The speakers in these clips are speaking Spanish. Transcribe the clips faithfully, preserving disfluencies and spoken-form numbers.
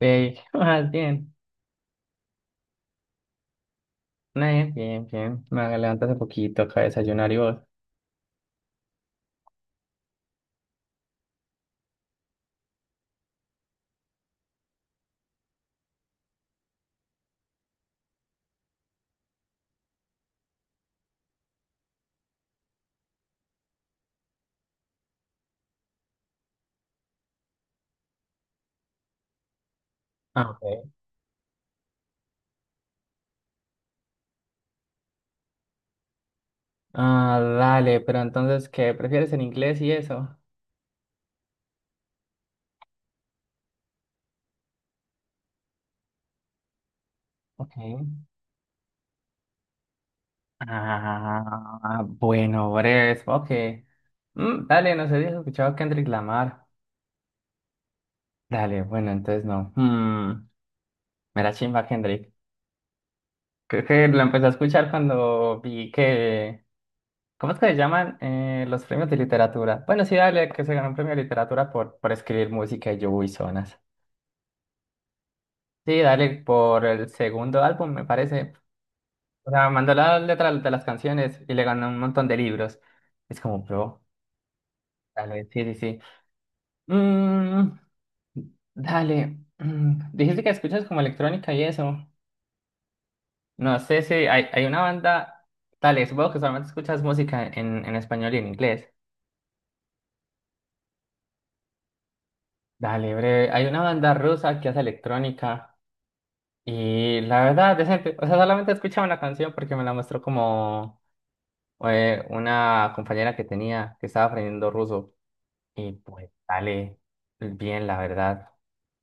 Hey, ¿qué más? Bien, bien, bien, bien. Me levanté hace poquito, acá de desayunar y vos. Ah, ok. Ah, dale, pero entonces, ¿qué prefieres en inglés y eso? Ok. Ah, bueno, breves, ok. Mm, dale, no sé si has escuchado a Kendrick Lamar. Dale, bueno, entonces no. Hmm, me la chimba Kendrick. Creo que lo empecé a escuchar cuando vi que... ¿Cómo es que se llaman eh, los premios de literatura? Bueno, sí, dale, que se ganó un premio de literatura por, por escribir música y yo, uy, zonas. Sí, dale por el segundo álbum, me parece. O sea, mandó las letras de las canciones y le ganó un montón de libros. Es como, bro, dale, sí, sí, sí. Mm, dale, mm, dijiste que escuchas como electrónica y eso. No sé si hay, hay una banda, dale, supongo que solamente escuchas música en, en español y en inglés. Dale, breve, hay una banda rusa que hace electrónica y la verdad, decente. O sea, solamente escuchaba una canción porque me la mostró como... eh, una compañera que tenía que estaba aprendiendo ruso y pues sale bien, la verdad.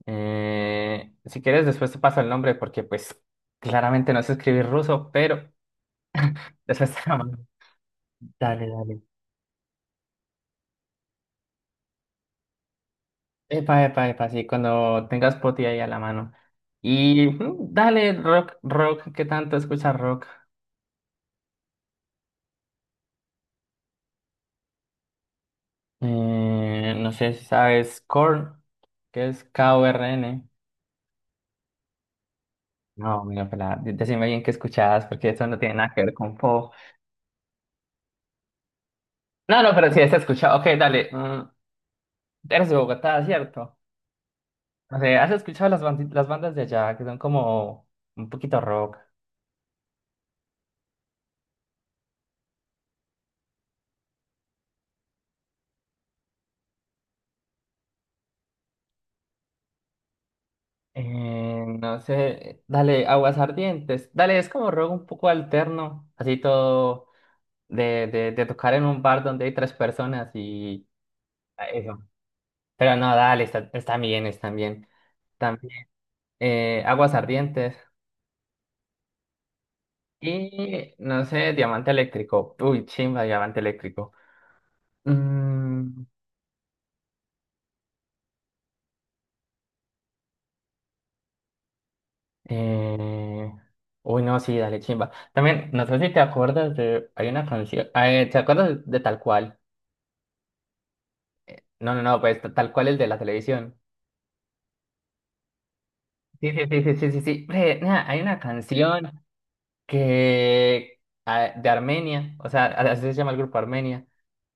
Eh, si quieres, después te paso el nombre porque pues claramente no sé escribir ruso, pero después te lo mando. Dale, dale. Epa, epa, epa, sí, cuando tengas poti ahí a la mano. Y mm, dale, rock, rock, ¿qué tanto escuchas rock? Eh, no sé si sabes Korn, que es K-O-R-N. No, mira, pelada, decime bien qué escuchabas, porque eso no tiene nada que ver con pop. No, no, pero sí has escuchado. Ok, dale. mm, eres de Bogotá, ¿cierto? No sé, ¿has escuchado las, bandi- las bandas de allá que son como un poquito rock? Eh, no sé, dale, Aguas Ardientes. Dale, es como rock un poco alterno, así todo de, de, de tocar en un bar donde hay tres personas y ah, eso. Pero no, dale, está, está bien, está bien. También eh, Aguas Ardientes. Y no sé, Diamante Eléctrico. Uy, chimba, Diamante Eléctrico. Mm, Eh... Uy, no, sí, dale, chimba. También, no sé si te acuerdas de... Hay una canción... eh, ¿te acuerdas de Tal Cual? No, no, no, pues Tal Cual el de la televisión. Sí, sí, sí, sí, sí, sí, sí. Bre, nea, hay una canción que... ah, de Armenia, o sea, así se llama el grupo Armenia,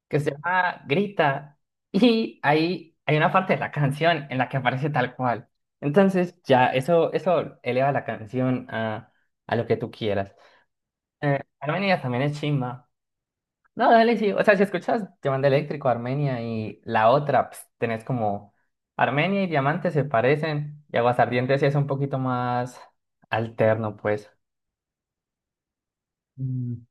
que se llama Grita. Y ahí hay una parte de la canción en la que aparece Tal Cual. Entonces, ya, eso, eso eleva la canción a, a lo que tú quieras. Eh, Armenia también es chimba. No, dale, sí. O sea, si escuchas Diamante Eléctrico, Armenia y la otra, pues, tenés como Armenia y Diamante se parecen y Aguasardientes sí es un poquito más alterno, pues. Mm.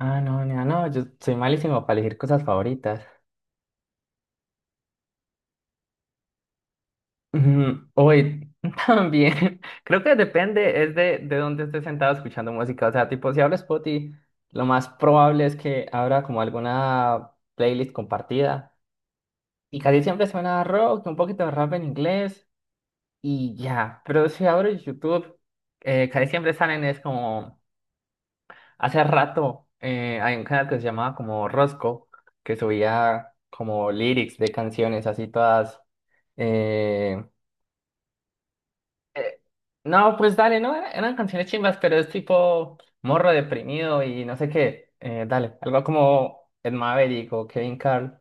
Ah, no, no, no, yo soy malísimo para elegir cosas favoritas. Ujú, Uy, también, creo que depende, es de, de dónde estés sentado escuchando música. O sea, tipo, si hablo Spotify, lo más probable es que abra como alguna playlist compartida. Y casi siempre suena rock, un poquito de rap en inglés. Y ya, pero si abres YouTube, eh, casi siempre salen es como, hace rato eh, hay un canal que se llamaba como Rosco, que subía como lyrics de canciones así todas, eh, eh, no, pues dale, no, era- eran canciones chimbas, pero es tipo morro deprimido y no sé qué, eh, dale, algo como Ed Maverick o Kevin Carl.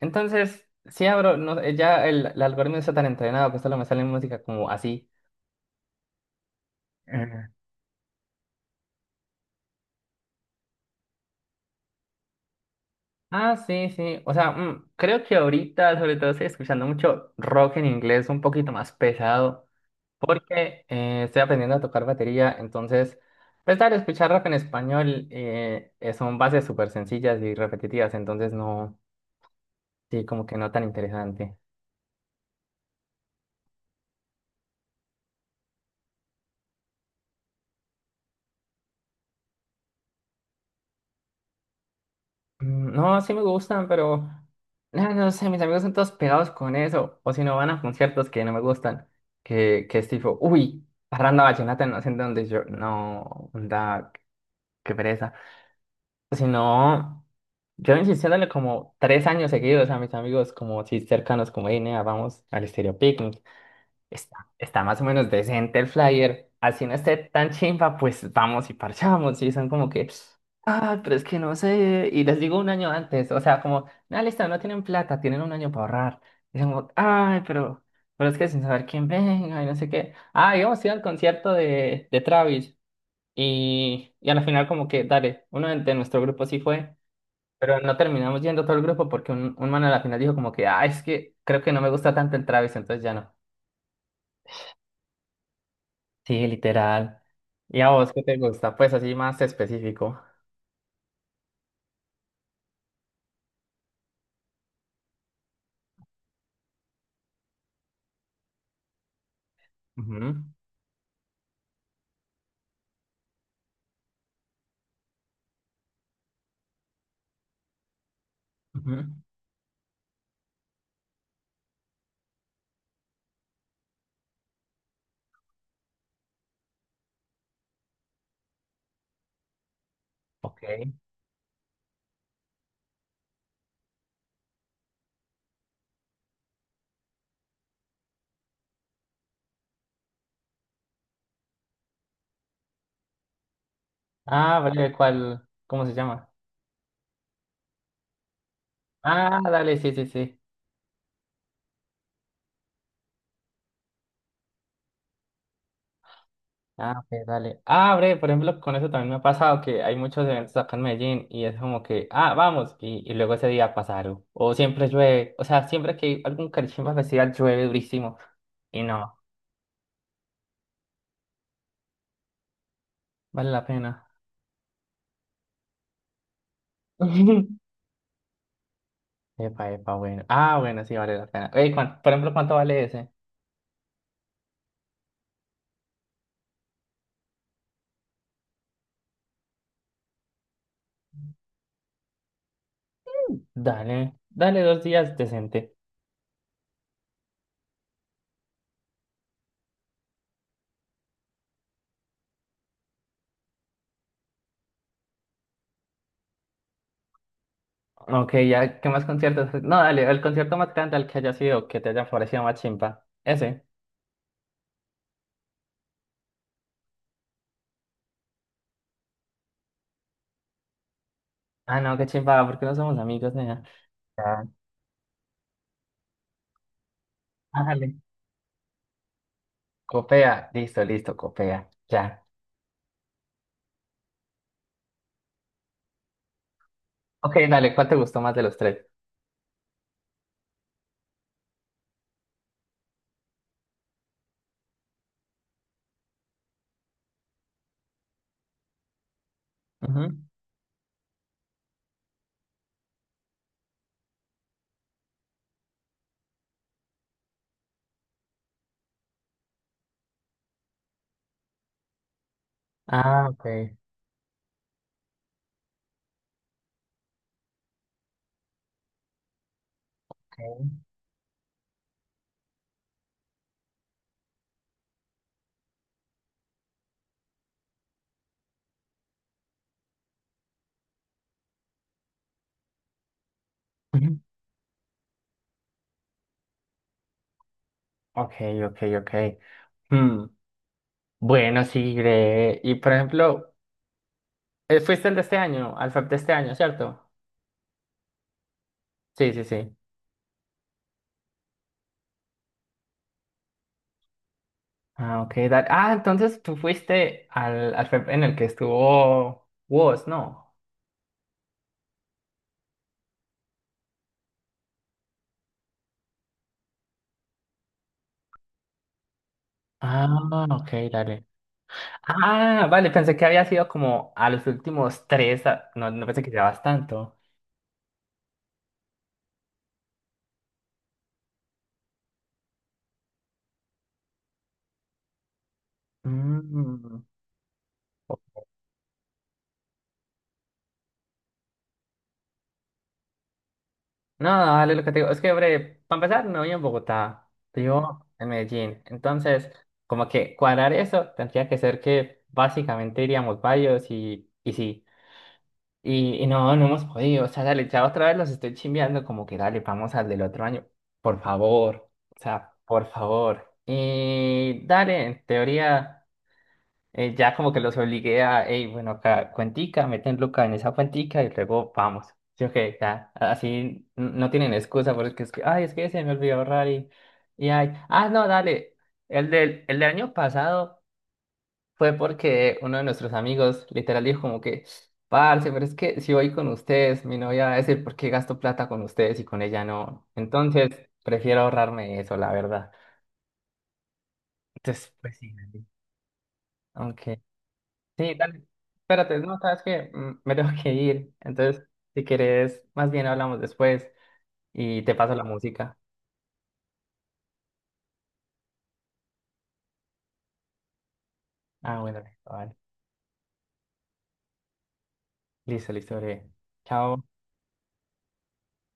Entonces, si abro, no, eh, ya el, el algoritmo está tan entrenado que solo me sale música como así. Ah, sí, sí. O sea, mm, creo que ahorita sobre todo estoy escuchando mucho rock en inglés, un poquito más pesado, porque eh, estoy aprendiendo a tocar batería, entonces, pues dale, escuchar rock en español eh, eh, son bases súper sencillas y repetitivas, entonces no, sí, como que no tan interesante. Mm, no, sí me gustan, pero ah, no sé, mis amigos son todos pegados con eso, o si no van a conciertos que no me gustan, que, que es tipo, uy, parranda vallenata, no sé en dónde yo, no, da, qué pereza. Si no, yo insistiéndole como tres años seguidos a mis amigos, como si cercanos, como, hey, nea, vamos al Estéreo Picnic. Está, está más o menos decente el flyer. Así no esté tan chimba, pues vamos y parchamos. Y son como que, ah, pero es que no sé. Y les digo un año antes, o sea, como, nada, listo, no tienen plata, tienen un año para ahorrar. Y son como, ay, pero, pero es que sin saber quién venga y no sé qué. Ah, y vamos a ir al concierto de, de Travis. Y, y al final como que, dale, uno de, de nuestro grupo sí fue. Pero no terminamos yendo todo el grupo porque un, un man a la final dijo como que, ah, es que creo que no me gusta tanto el Travis, entonces ya no. Sí, literal. ¿Y a vos qué te gusta? Pues así más específico. Ujú, ujú. Ok. Ah, breve, ¿cuál? ¿Cómo se llama? Ah, dale, sí, sí, sí. Ah, ok, dale. Ah, breve, por ejemplo, con eso también me ha pasado que hay muchos eventos acá en Medellín y es como que, ah, vamos, y, y luego ese día pasa algo. O siempre llueve, o sea, siempre que hay algún Carichimba Festival llueve durísimo y no, vale la pena. Epa, epa, bueno. Ah, bueno, sí vale la pena. Ey, ¿cuán- por ejemplo, ¿cuánto vale ese? Dale, dale dos días decente. Ok, ya, ¿qué más conciertos? No, dale, el concierto más grande al que haya sido, que te haya parecido más chimpa. Ese. Ah, no, qué chimpa, porque no somos amigos, ¿nena? Ya. Ah, dale. Copea, listo, listo, copea. Ya. Ok, dale, ¿cuál te gustó más de los tres? Ujú. Ah, ok. Ok, ok, ok. ok. Hmm, bueno, sí, Gre. Y por ejemplo, Eh, fuiste el de este año, al F E P de este año, ¿cierto? Sí, sí, sí. Ah, ok. da- Ah, entonces tú fuiste al, al F E P en el que estuvo vos, ¿no? Ah, ok, dale. Ah, vale, pensé que había sido como a los últimos tres, a- no, no pensé que llevabas tanto. Mm. No, dale, lo que te digo, es que, hombre, para empezar, no vivo en Bogotá, vivo en Medellín. Entonces, como que cuadrar eso tendría que ser que básicamente iríamos varios y, y sí. Y, y no, no hemos podido. O sea, dale, ya otra vez los estoy chimbeando, como que dale, vamos al del otro año. Por favor. O sea, por favor. Y dale, en teoría, eh, ya como que los obligué a, hey, bueno, acá, cuentica, meten Luca en esa cuentica y luego vamos. Sí, ok, ya. Así n- no tienen excusa porque es que, ay, es que se me olvidó ahorrar y, y ay. Ah, no, dale. El del, el del año pasado. Fue porque uno de nuestros amigos literal dijo como que, parce, pero es que si voy con ustedes, mi novia va a decir, ¿por qué gasto plata con ustedes y con ella no? Entonces, prefiero ahorrarme eso, la verdad. Entonces, pues sí, dale. Aunque... Sí, dale. Espérate, no, sabes que me tengo que ir. Entonces, si quieres, más bien hablamos después y te paso la música. Ah, bueno, listo, vale. Listo, listo, breve. Chao.